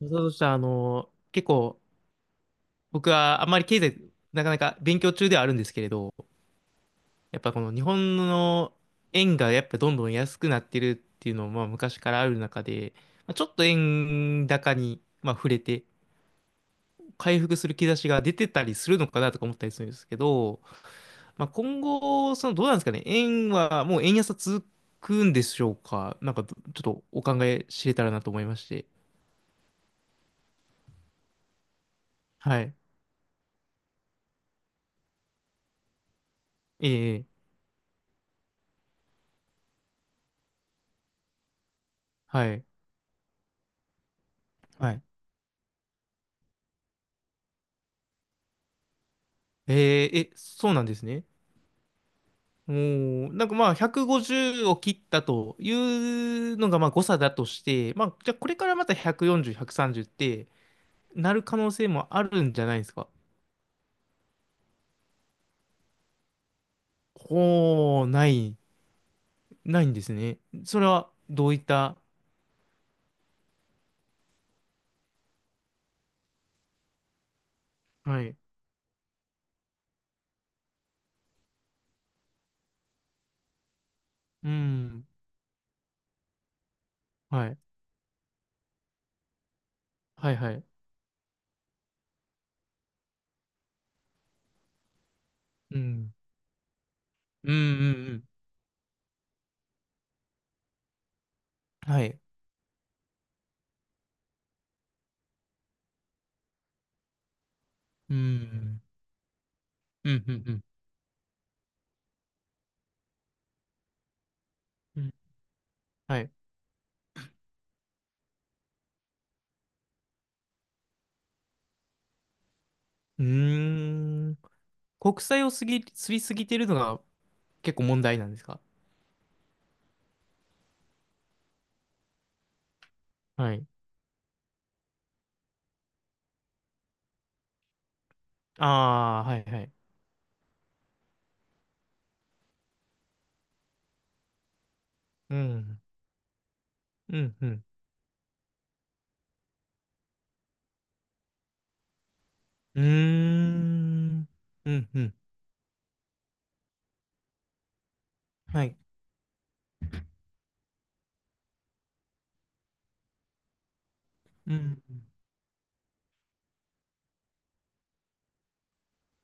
そうそうしたら、結構、僕はあんまり経済、なかなか勉強中ではあるんですけれど、やっぱこの日本の円がやっぱどんどん安くなってるっていうのも、まあ昔からある中で、まあ、ちょっと円高に、まあ、触れて、回復する兆しが出てたりするのかなとか思ったりするんですけど、まあ、今後、どうなんですかね、円はもう円安は続くんでしょうか、なんかちょっとお考え知れたらなと思いまして。はい。ええ、はい。はい。えーえ、そうなんですね。おー、なんかまあ150を切ったというのがまあ誤差だとして、まあじゃあこれからまた140、130ってなる可能性もあるんじゃないですか。ほー、ない、ないんですね。それはどういった、はい。うん、はい、はい、はい。うん、うん、うん、うん、はい。うん、うん、うん、うん、うんはい。うーん、国債を過ぎすぎてるのが結構問題なんですか。はいああ、はいはい。うん。うん、うん。うーん。うん、うん。はい。うん。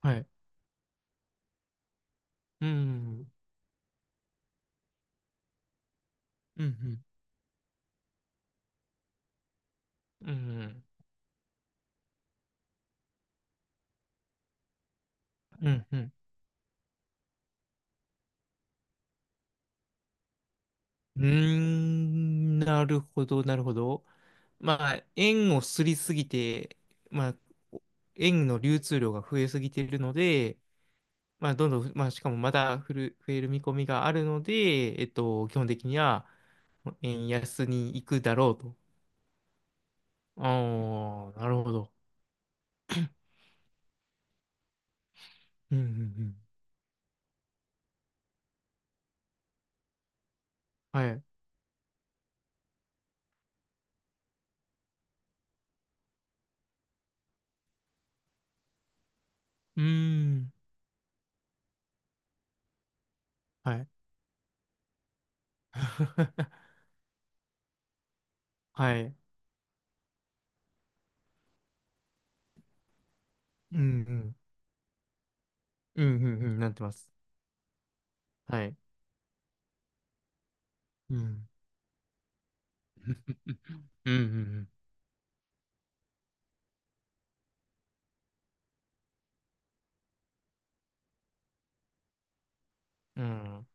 はい。うん。うん、うん。うん。うん、うん。うーんなるほど、なるほど。まあ、円をすりすぎて、まあ、円の流通量が増えすぎているので、まあ、どんどん、まあ、しかもまだ増える見込みがあるので、基本的には円安に行くだろうと。ああ、なるほど。うんうんうん。はい。うーん。はい。はい。うんうん。うんうんうん。なってます。はい。うん。うんうんうん。うん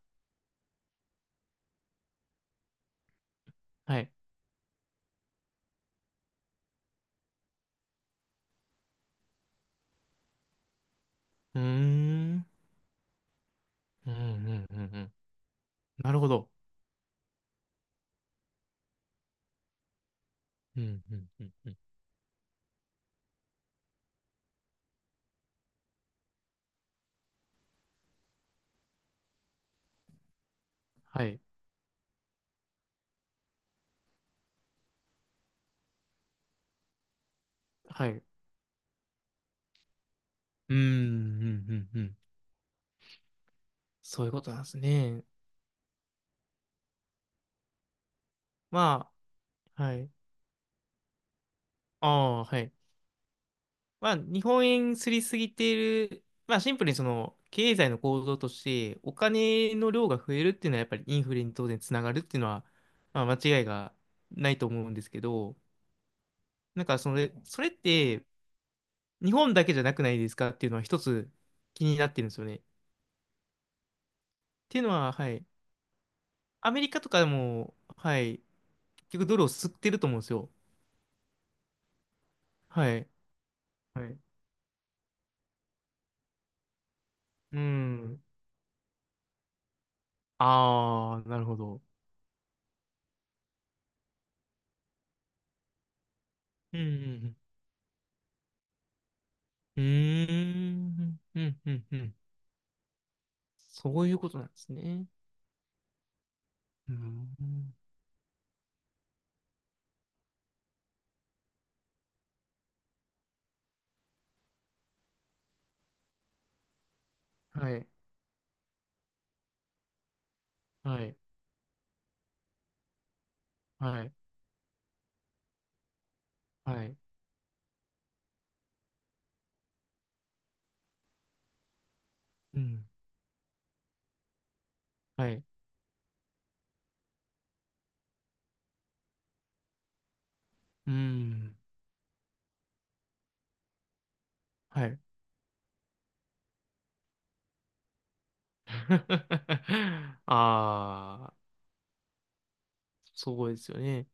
はい。うーん。うんうんうんうん。なるほど。うんうんうんうん。はい。はい。うん。うんうんうんうん。そういうことなんですね。まあ、はい。ああ、はい。まあ、日本円すりすぎている、まあ、シンプルにその経済の構造として、お金の量が増えるっていうのは、やっぱりインフレに当然つながるっていうのは、まあ、間違いがないと思うんですけど、なんかそれって、日本だけじゃなくないですかっていうのは、一つ気になってるんですよね。っていうのは、はい、アメリカとかでも、はい、結局ドルを吸ってると思うんですよ。はい。はい。うん。ああ、なるほど。うんうんうん。うーん。うんうんうん。そういうことなんですね。うん。はい。はい。はい。はい。うん。はい。うん。はい。ああ、そうですよね。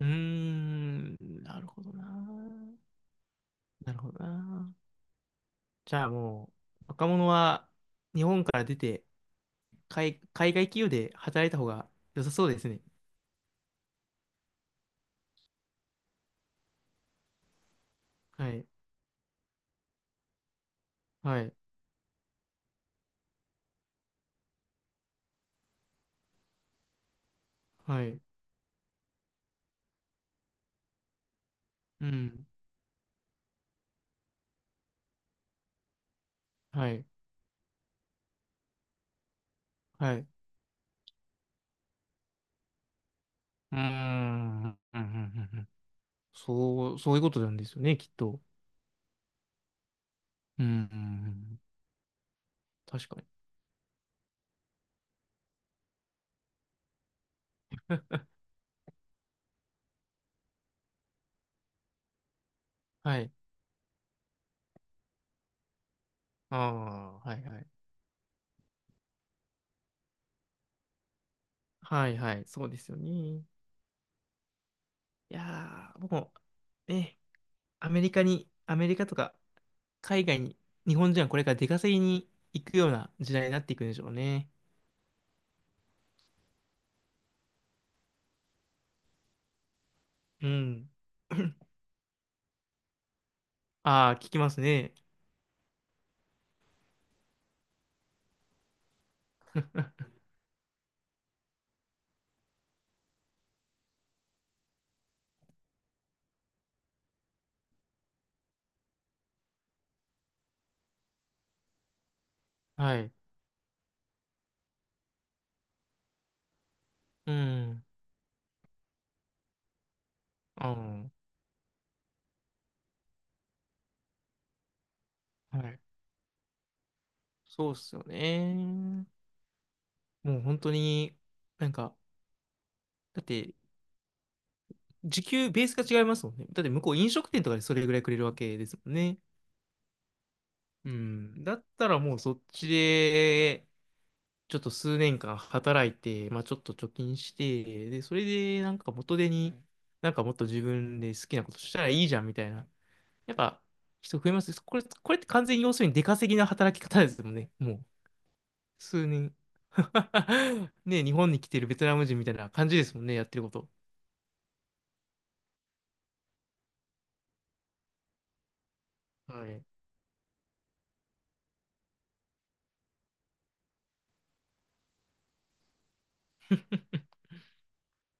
うーん、なるほどな。なるほどな。じゃあもう、若者は日本から出て、海外企業で働いた方が良さそうですね。はい。はい。はい。うん。はい。はい。うーん。うん。うん。うん。そう、そういうことなんですよね、きっと。うん、うんうん確かに。はい。ああ、はいはい。はいはい、そうですよね。いやー、僕もう、ね、アメリカとか海外に、日本人はこれから出稼ぎに行くような時代になっていくんでしょうね。うん。ああ、聞きますね。はい。うん。ああ、はい。そうっすよね。もう本当に、なんか、だって、時給、ベースが違いますもんね。だって向こう飲食店とかでそれぐらいくれるわけですもんね。うん。だったらもうそっちで、ちょっと数年間働いて、まあちょっと貯金して、で、それでなんか元手に、なんかもっと自分で好きなことしたらいいじゃんみたいな。やっぱ人増えます。これって完全に要するに出稼ぎな働き方ですもんね。もう、数年。ね、日本に来てるベトナム人みたいな感じですもんね、やってること。はい。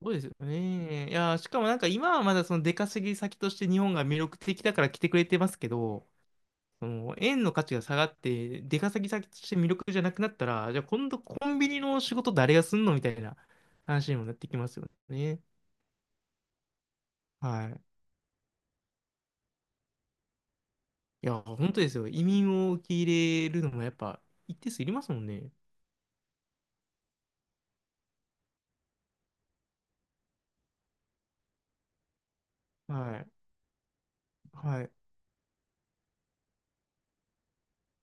ごいですよね。いやー、しかもなんか今はまだその出稼ぎ先として日本が魅力的だから来てくれてますけど、その円の価値が下がって、出稼ぎ先として魅力じゃなくなったら、じゃあ今度コンビニの仕事誰がすんのみたいな話にもなってきますよね。はい。いやー、本当ですよ。移民を受け入れるのもやっぱ一定数いりますもんね。はい。はい。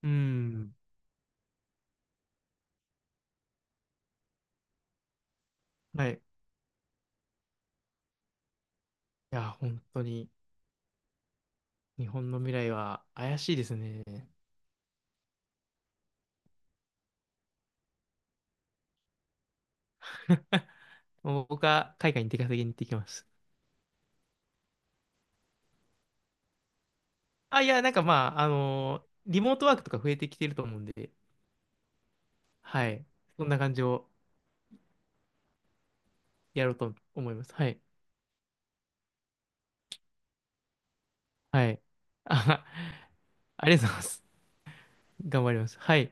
うん。はい。いやー、本当に日本の未来は怪しいですね。もう僕は海外に出稼ぎに行ってきます。あ、いや、なんかまあ、リモートワークとか増えてきてると思うんで、はい。そんな感じをやろうと思います。はい。はい。あ、ありがとうございます。頑張ります。はい。